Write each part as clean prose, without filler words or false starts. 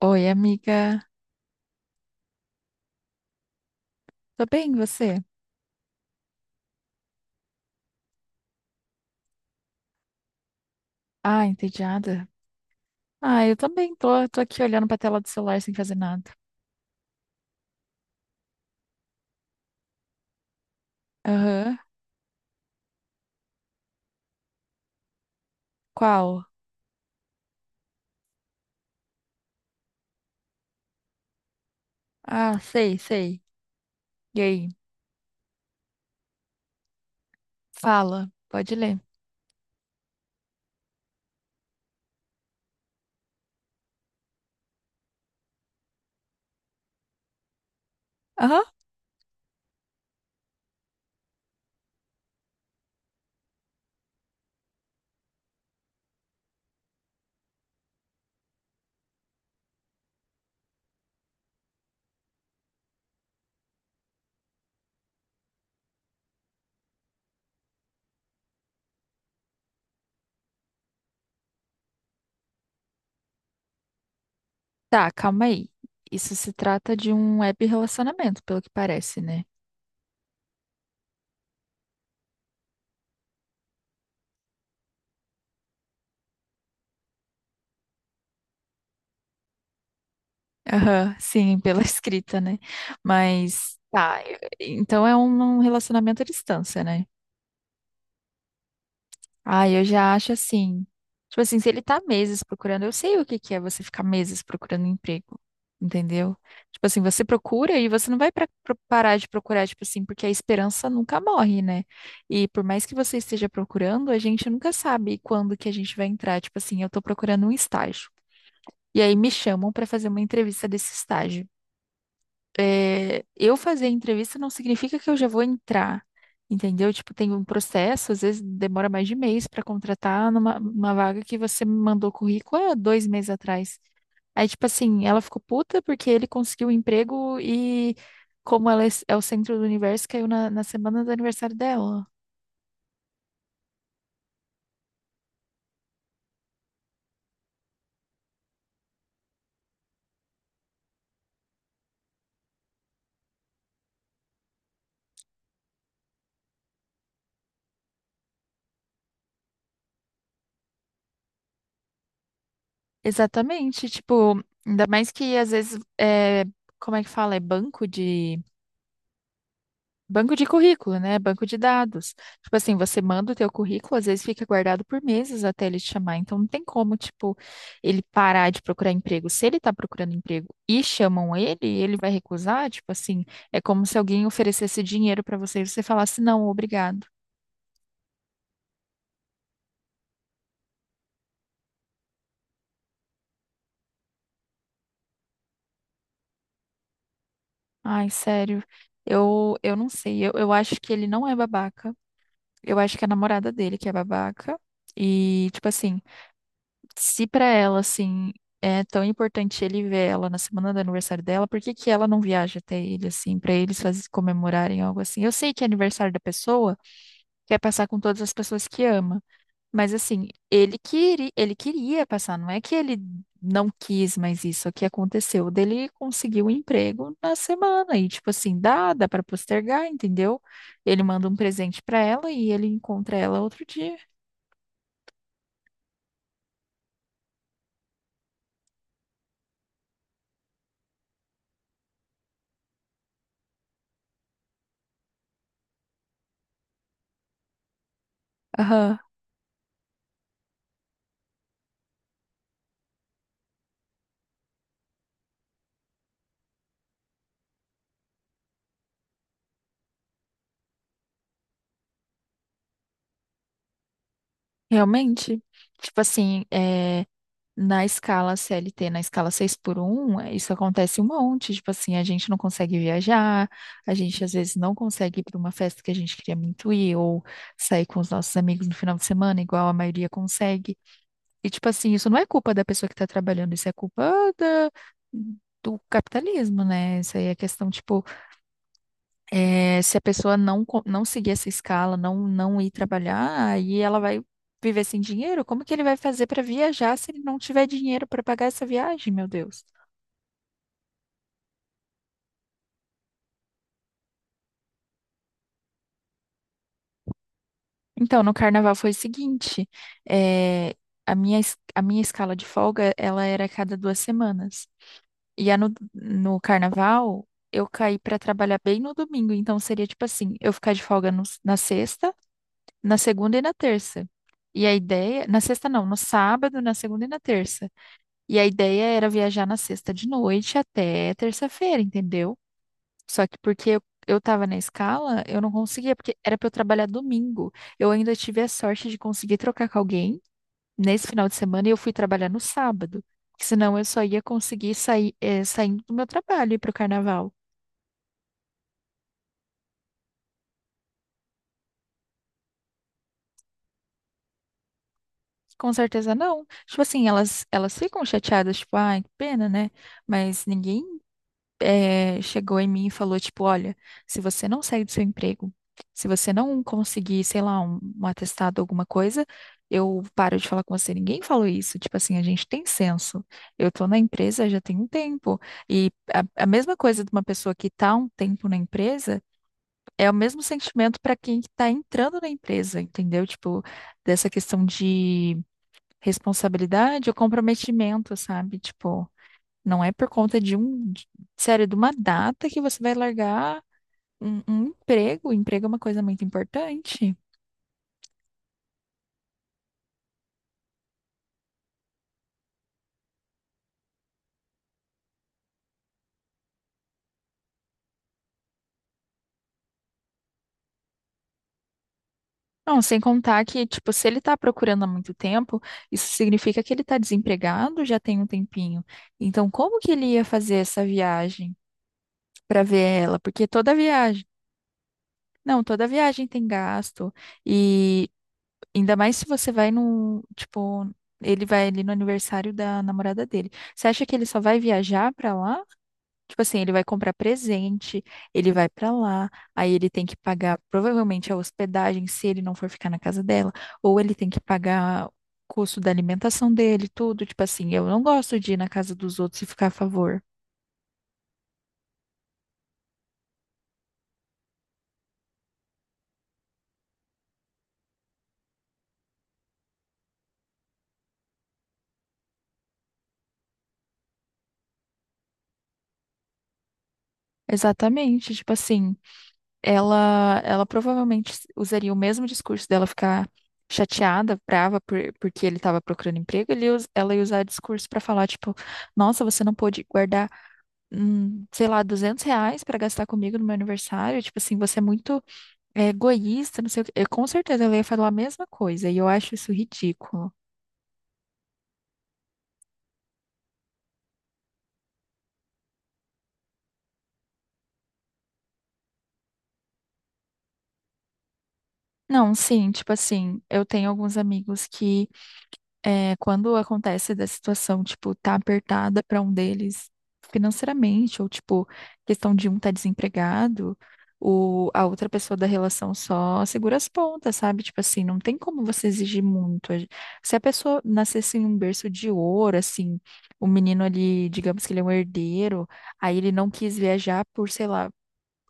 Oi, amiga. Tô bem, e você? Ah, entediada. Ah, eu também tô aqui olhando pra tela do celular sem fazer nada. Aham. Qual? Ah, sei, sei. E aí? Fala, pode ler. Aham. Tá, calma aí. Isso se trata de um web relacionamento, pelo que parece, né? Aham, sim, pela escrita, né? Mas, tá, então é um relacionamento à distância, né? Ah, eu já acho assim. Tipo assim, se ele tá meses procurando, eu sei o que que é você ficar meses procurando emprego, entendeu? Tipo assim, você procura e você não vai parar de procurar, tipo assim, porque a esperança nunca morre, né? E por mais que você esteja procurando, a gente nunca sabe quando que a gente vai entrar. Tipo assim, eu tô procurando um estágio. E aí me chamam pra fazer uma entrevista desse estágio. Eu fazer entrevista não significa que eu já vou entrar, entendeu? Tipo, tem um processo, às vezes demora mais de mês para contratar numa uma vaga que você me mandou currículo há 2 meses atrás. Aí, tipo assim, ela ficou puta porque ele conseguiu um emprego e, como ela é o centro do universo, caiu na semana do aniversário dela. Exatamente, tipo, ainda mais que às vezes, como é que fala? Banco de currículo, né? Banco de dados. Tipo assim, você manda o teu currículo, às vezes fica guardado por meses até ele te chamar. Então não tem como, tipo, ele parar de procurar emprego. Se ele tá procurando emprego e chamam ele, ele vai recusar, tipo assim, é como se alguém oferecesse dinheiro pra você e você falasse não, obrigado. Ai, sério. Eu não sei. Eu acho que ele não é babaca. Eu acho que é a namorada dele que é babaca. E, tipo assim, se para ela, assim, é tão importante ele ver ela na semana do aniversário dela, por que que ela não viaja até ele, assim, para eles comemorarem algo assim? Eu sei que é aniversário da pessoa, quer passar com todas as pessoas que ama, mas assim, ele queria passar, não é que ele não quis mas isso, é que aconteceu dele conseguiu um emprego na semana e tipo assim, dá para postergar, entendeu? Ele manda um presente para ela e ele encontra ela outro dia. Aham, realmente. Tipo assim, na escala CLT, na escala 6x1, isso acontece um monte. Tipo assim, a gente não consegue viajar, a gente às vezes não consegue ir para uma festa que a gente queria muito ir, ou sair com os nossos amigos no final de semana, igual a maioria consegue. E tipo assim, isso não é culpa da pessoa que está trabalhando, isso é culpa do capitalismo, né? Isso aí é questão, tipo, se a pessoa não, não seguir essa escala, não ir trabalhar, aí ela vai viver sem dinheiro? Como que ele vai fazer para viajar se ele não tiver dinheiro para pagar essa viagem, meu Deus? Então, no carnaval foi o seguinte, é, a minha escala de folga, ela era a cada 2 semanas. E a no, no carnaval, eu caí para trabalhar bem no domingo, então seria tipo assim, eu ficar de folga na sexta, na segunda e na terça. E a ideia, na sexta não, no sábado, na segunda e na terça. E a ideia era viajar na sexta de noite até terça-feira, entendeu? Só que porque eu tava na escala, eu não conseguia, porque era pra eu trabalhar domingo. Eu ainda tive a sorte de conseguir trocar com alguém nesse final de semana e eu fui trabalhar no sábado. Porque senão eu só ia conseguir sair, saindo do meu trabalho e ir pro carnaval. Com certeza não. Tipo assim, elas ficam chateadas, tipo, ai, que pena, né? Mas ninguém chegou em mim e falou, tipo, olha, se você não sair do seu emprego, se você não conseguir, sei lá, um atestado, alguma coisa, eu paro de falar com você. Ninguém falou isso. Tipo assim, a gente tem senso. Eu tô na empresa já tem um tempo. E a mesma coisa de uma pessoa que tá um tempo na empresa é o mesmo sentimento para quem tá entrando na empresa, entendeu? Tipo, dessa questão de responsabilidade ou comprometimento, sabe? Tipo. Não é por conta de sério, de uma data que você vai largar um emprego. O emprego é uma coisa muito importante. Não, sem contar que, tipo, se ele tá procurando há muito tempo, isso significa que ele tá desempregado já tem um tempinho. Então, como que ele ia fazer essa viagem para ver ela? Porque toda viagem, não, toda viagem tem gasto. E ainda mais se você vai no, tipo, ele vai ali no aniversário da namorada dele. Você acha que ele só vai viajar para lá? Tipo assim, ele vai comprar presente, ele vai pra lá, aí ele tem que pagar provavelmente a hospedagem se ele não for ficar na casa dela, ou ele tem que pagar o custo da alimentação dele, tudo. Tipo assim, eu não gosto de ir na casa dos outros e ficar a favor. Exatamente, tipo assim, ela provavelmente usaria o mesmo discurso dela ficar chateada, brava porque ele estava procurando emprego, ela ia usar discurso pra falar tipo, nossa, você não pôde guardar sei lá, R$ 200 pra gastar comigo no meu aniversário. Tipo assim, você é muito egoísta, não sei o quê. Eu, com certeza ela ia falar a mesma coisa, e eu acho isso ridículo. Não, sim, tipo assim, eu tenho alguns amigos que quando acontece da situação, tipo, tá apertada para um deles financeiramente, ou tipo, questão de um tá desempregado, a outra pessoa da relação só segura as pontas, sabe? Tipo assim, não tem como você exigir muito. Se a pessoa nascesse em um berço de ouro, assim, o menino ali, digamos que ele é um herdeiro, aí ele não quis viajar por, sei lá,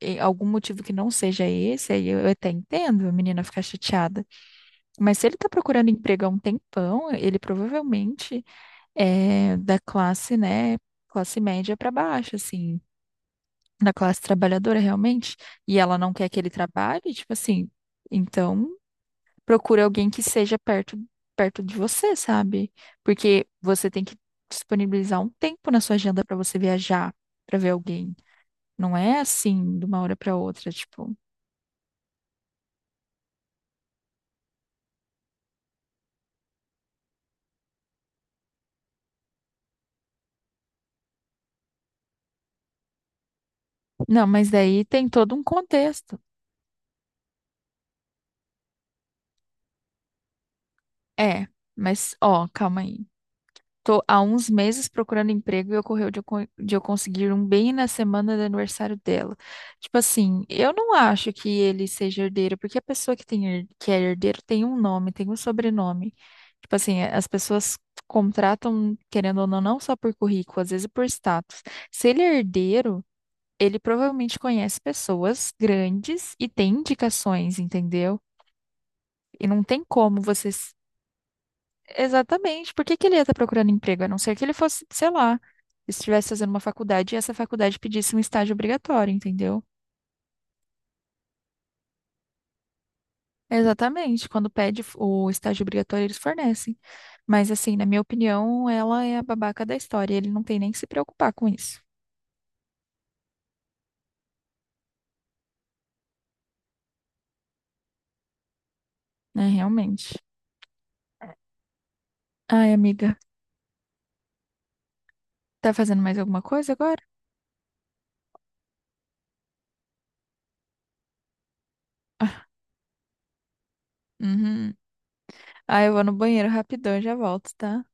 algum motivo que não seja esse, aí eu até entendo a menina ficar chateada. Mas se ele está procurando emprego há um tempão, ele provavelmente é da classe, né, classe média para baixo, assim, da classe trabalhadora realmente, e ela não quer que ele trabalhe, tipo assim, então procure alguém que seja perto de você, sabe? Porque você tem que disponibilizar um tempo na sua agenda para você viajar, para ver alguém. Não é assim de uma hora para outra, tipo. Não, mas daí tem todo um contexto. É, mas ó, calma aí. Tô há uns meses procurando emprego e ocorreu de de eu conseguir um bem na semana do aniversário dela. Tipo assim, eu não acho que ele seja herdeiro, porque a pessoa que que é herdeiro tem um nome, tem um sobrenome. Tipo assim, as pessoas contratam, querendo ou não, não só por currículo, às vezes por status. Se ele é herdeiro, ele provavelmente conhece pessoas grandes e tem indicações, entendeu? E não tem como você. Exatamente. Por que que ele ia estar procurando emprego? A não ser que ele fosse, sei lá, estivesse fazendo uma faculdade e essa faculdade pedisse um estágio obrigatório, entendeu? Exatamente. Quando pede o estágio obrigatório, eles fornecem. Mas, assim, na minha opinião, ela é a babaca da história. Ele não tem nem que se preocupar com isso, né? Realmente. Ai, amiga, tá fazendo mais alguma coisa agora? Uhum. Ah, eu vou no banheiro rapidão, já volto, tá?